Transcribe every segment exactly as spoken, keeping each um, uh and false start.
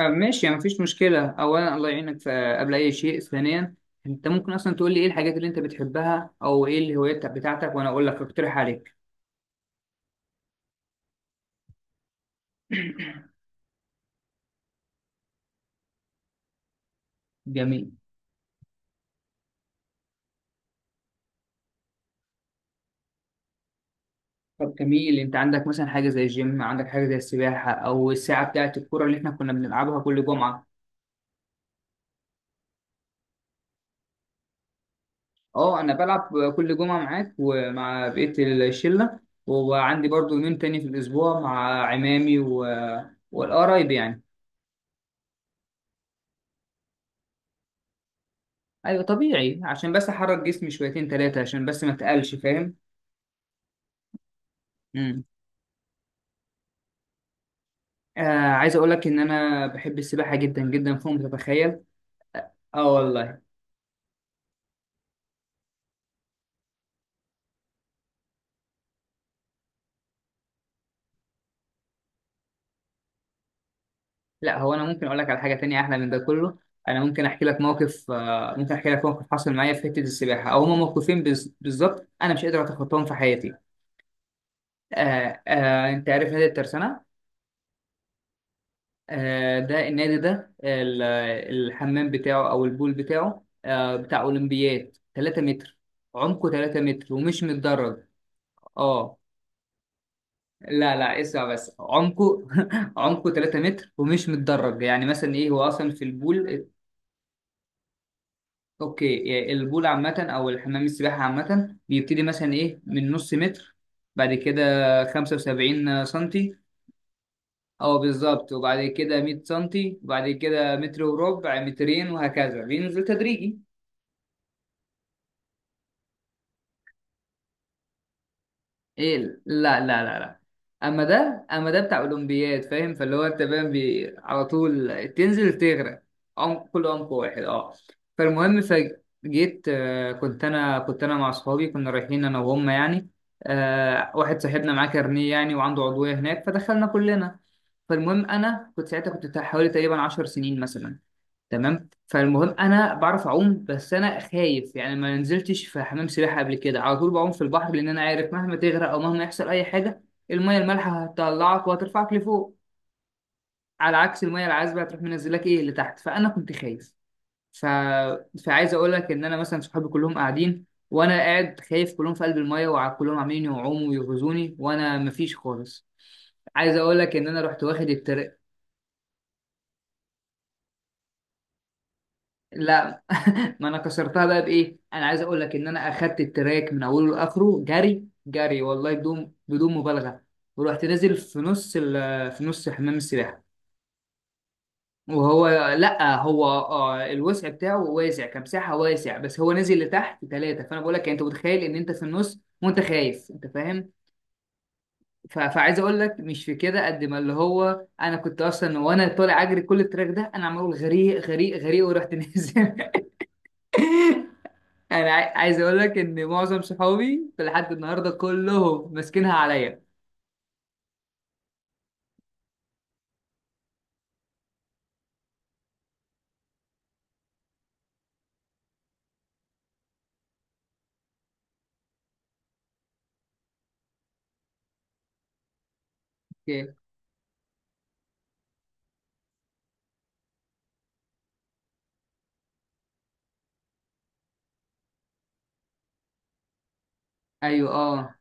آه، ماشي، يعني مفيش مشكلة. أولا الله يعينك ف- قبل أي شيء، ثانيا أنت ممكن أصلا تقول لي إيه الحاجات اللي أنت بتحبها أو إيه الهوايات بتاعتك وأنا أقول لك أقترح عليك. جميل. طب جميل، أنت عندك مثلا حاجة زي الجيم، عندك حاجة زي السباحة، أو الساعة بتاعة الكورة اللي إحنا كنا بنلعبها كل جمعة؟ أه أنا بلعب كل جمعة معاك ومع بقية الشلة، وعندي برضو يومين تاني في الأسبوع مع عمامي و... والقرايب يعني. أيوة طبيعي، عشان بس أحرك جسمي شويتين تلاتة عشان بس ما أتقلش، فاهم. امم آه عايز اقول لك ان انا بحب السباحه جدا جدا فوق ما تتخيل. اه والله. لا هو انا ممكن اقول لك على حاجه تانية احلى من ده كله. انا ممكن احكي لك موقف، آه ممكن احكي لك موقف حصل معايا في حته السباحه، او هما موقفين بز- بالظبط انا مش قادر اتخطاهم في حياتي. آه آه، انت عارف نادي الترسانه؟ آه ده النادي ده ال- الحمام بتاعه او البول بتاعه، آه بتاع اولمبياد، ثلاثة متر. عمقه ثلاثة متر ومش متدرج. اه لا لا اسمع بس، عمقه عمقه ثلاثة متر ومش متدرج. يعني مثلا ايه هو اصلا في البول؟ اوكي، يعني البول عامة او الحمام السباحة عامة بيبتدي مثلا ايه من نص متر، بعد كده خمسة وسبعين سنتي او بالظبط، وبعد كده مية سنتي، وبعد كده متر وربع، مترين، وهكذا بينزل تدريجي. ايه. لا لا لا لا، اما ده اما ده بتاع اولمبياد، فاهم؟ فاللي هو انت فاهم بي- على طول تنزل تغرق. عم كل عمق واحد، اه. فالمهم فجيت، آه، كنت انا كنت انا مع اصحابي، كنا رايحين انا وهم يعني. آه، واحد صاحبنا معاه كارنيه يعني وعنده عضويه هناك، فدخلنا كلنا. فالمهم انا كنت ساعتها كنت بتاع حوالي تقريبا عشر سنين مثلا. تمام. فالمهم انا بعرف اعوم بس انا خايف يعني، ما نزلتش في حمام سباحه قبل كده، على طول بعوم في البحر لان انا عارف مهما تغرق او مهما يحصل اي حاجه، الميه المالحه هتطلعك وهترفعك لفوق. على عكس الميه العذبه هتروح منزلك ايه لتحت، فانا كنت خايف. ف... فعايز اقول لك ان انا مثلا صحابي كلهم قاعدين، وانا قاعد خايف، كلهم في قلب الميه وكلهم عاملين يعوموا ويغزوني وانا مفيش خالص. عايز اقول لك ان انا رحت واخد التر... لا ما انا كسرتها بقى بايه، انا عايز اقول لك ان انا اخدت التراك من اوله لاخره جري جري والله، بدون بدون مبالغه. ورحت نازل في نص ال- في نص حمام السباحه. وهو لا هو آه الوسع بتاعه واسع كمساحه واسع، بس هو نازل لتحت ثلاثه، فانا بقول لك يعني، انت متخيل ان انت في النص وانت خايف، انت فاهم. ف- فعايز اقول لك مش في كده، قد ما اللي هو انا كنت اصلا وانا طالع اجري كل التراك ده انا عمال اقول غريق غريق غريق ورحت نازل. انا عاي- عايز اقول لك ان معظم صحابي في لحد النهارده كلهم ماسكينها عليا. اوكي، ايوه اه.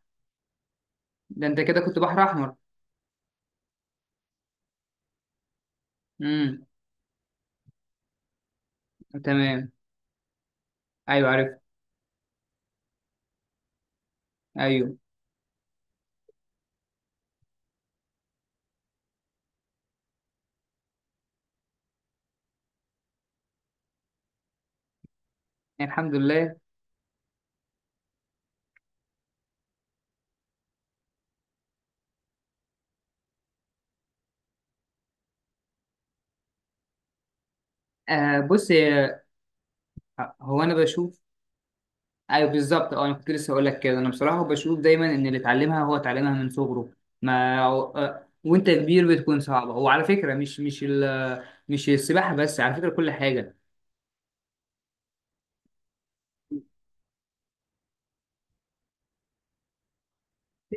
ده انت كده كنت بحر احمر. امم تمام، ايوه عرفت. ايوه، الحمد لله. آه بص هي- هو انا بشوف. ايوه بالظبط اه، انا كنت لسه هقول لك كده، انا بصراحه بشوف دايما ان اللي اتعلمها هو اتعلمها من صغره. ما آه، وانت كبير بتكون صعبه، وعلى فكره مش مش ال مش السباحه بس، على فكره كل حاجه.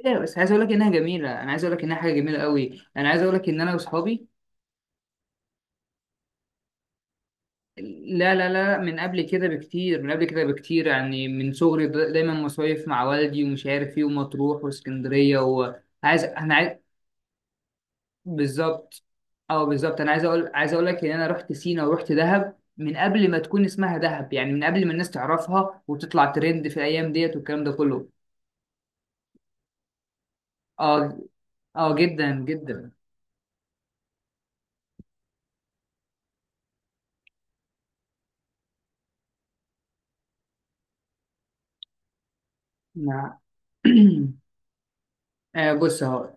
لا بس عايز اقول لك انها جميله، انا عايز اقول لك انها حاجه جميله قوي، انا عايز اقول لك ان انا واصحابي. لا لا لا، من قبل كده بكتير، من قبل كده بكتير، يعني من صغري دا- دايما مصايف مع والدي ومش عارف ايه، ومطروح واسكندريه، وعايز انا عايز. بالظبط اه بالظبط، انا عايز اقول عايز اقول لك ان انا رحت سينا ورحت دهب من قبل ما تكون اسمها دهب، يعني من قبل ما الناس تعرفها وتطلع ترند في الايام ديت والكلام ده كله. اه اه جدا جدا. نعم. آه بص اهو.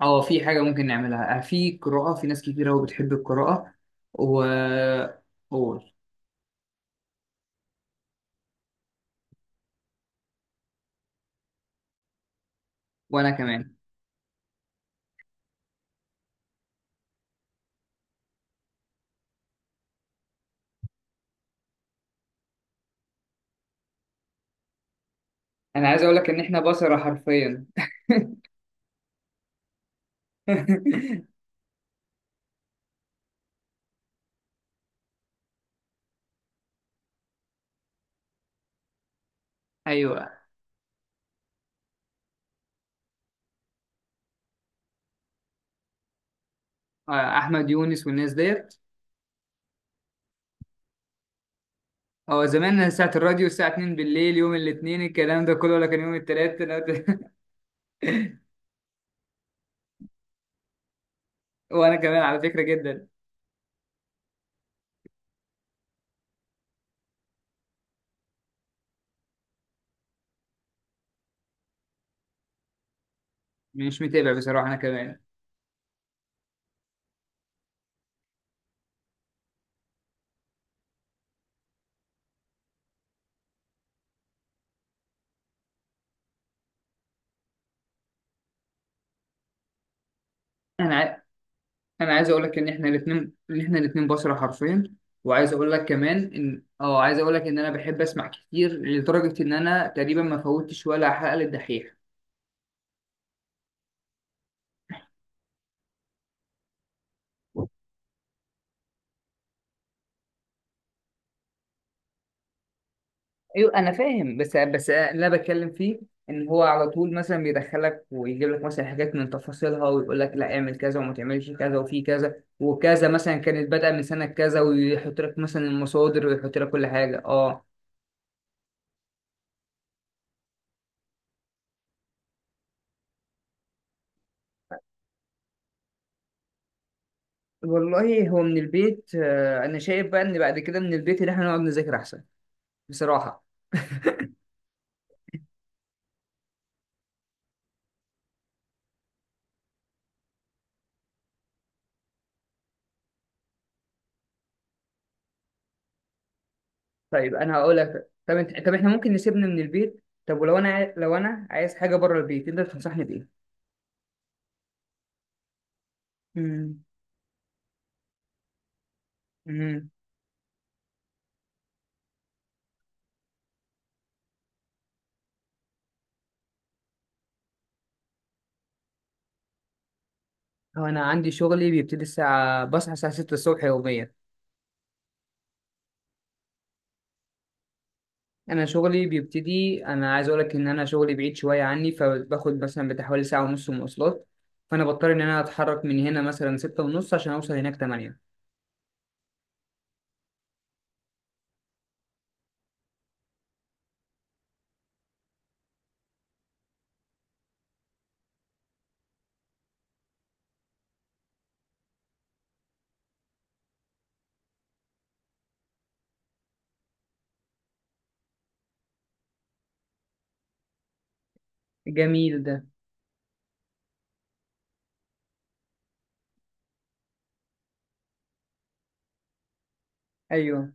اه في حاجة ممكن نعملها، آه، في قراءة، في ناس كتير أوي بتحب القراءة و... قول. وأنا كمان. أنا عايز أقول لك إن إحنا بصرة حرفيا. أيوه، آه، أحمد يونس والناس ديت. هو زمان ساعة الراديو الساعة اتنين بالليل يوم الاثنين الكلام ده كله، ولا كان يوم التلات أنا- وأنا كمان على فكرة جدا. مش متابع بصراحة أنا كمان. أنا انا عايز اقول لك ان احنا الاثنين، ان احنا الاثنين بشر حرفيا. وعايز اقول لك كمان ان اه عايز اقول لك ان انا بحب اسمع كتير لدرجه ان انا تقريبا ما فوتش ولا حلقه للدحيح. ايوه انا فاهم، بس بس اللي انا بتكلم فيه ان هو على طول مثلا بيدخلك ويجيب لك مثلا حاجات من تفاصيلها، ويقول لك لا اعمل كذا وما تعملش كذا وفي كذا وكذا، مثلا كانت بادئه من سنه كذا، ويحط لك مثلا المصادر ويحط لك كل حاجه، اه. والله هو من البيت، آه، انا شايف بقى ان بعد كده من البيت اللي احنا نقعد نذاكر احسن، بصراحه. طيب انا هقول لك، طب انت طب احنا ممكن نسيبنا من البيت، طب ولو انا عاي- لو انا عايز حاجه بره البيت تقدر تنصحني بايه؟ مم. امم هو انا عندي شغلي بيبتدي الساعه، بصحى الساعه ستة الصبح يوميا. انا شغلي بيبتدي، انا عايز اقول لك ان انا شغلي بعيد شويه عني، فباخد مثلا بتحوالي ساعه ونص مواصلات. فانا بضطر ان انا اتحرك من هنا مثلا ستة ونص عشان اوصل هناك تمانية. جميل ده. ايوه.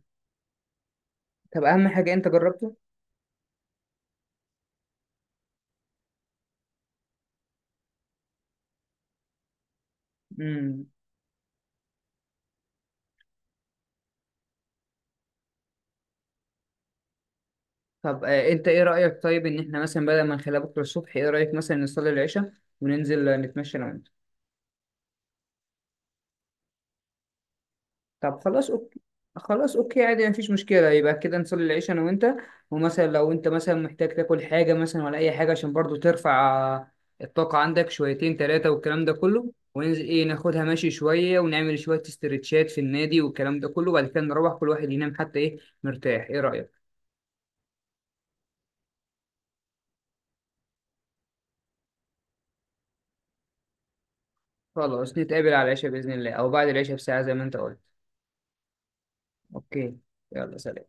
طب اهم حاجه انت جربته. امم طب آه، انت ايه رأيك طيب، ان احنا مثلا بدل ما نخليها بكرة الصبح، ايه رأيك مثلا نصلي العشاء وننزل آه، نتمشى انا وانت. طب خلاص اوكي. خلاص اوكي عادي مفيش مشكلة، يبقى كده نصلي العشاء انا وانت، ومثلا لو انت مثلا محتاج تاكل حاجة مثلا ولا اي حاجة عشان برضو ترفع آه، الطاقة عندك شويتين تلاتة والكلام ده كله، وننزل ايه ناخدها ماشي شوية ونعمل شوية استرتشات في النادي والكلام ده كله، وبعد كده نروح كل واحد ينام حتى ايه مرتاح. ايه رأيك؟ خلاص نتقابل على العشاء بإذن الله، او بعد العشاء بساعة زي ما انت قلت. اوكي. يلا سلام.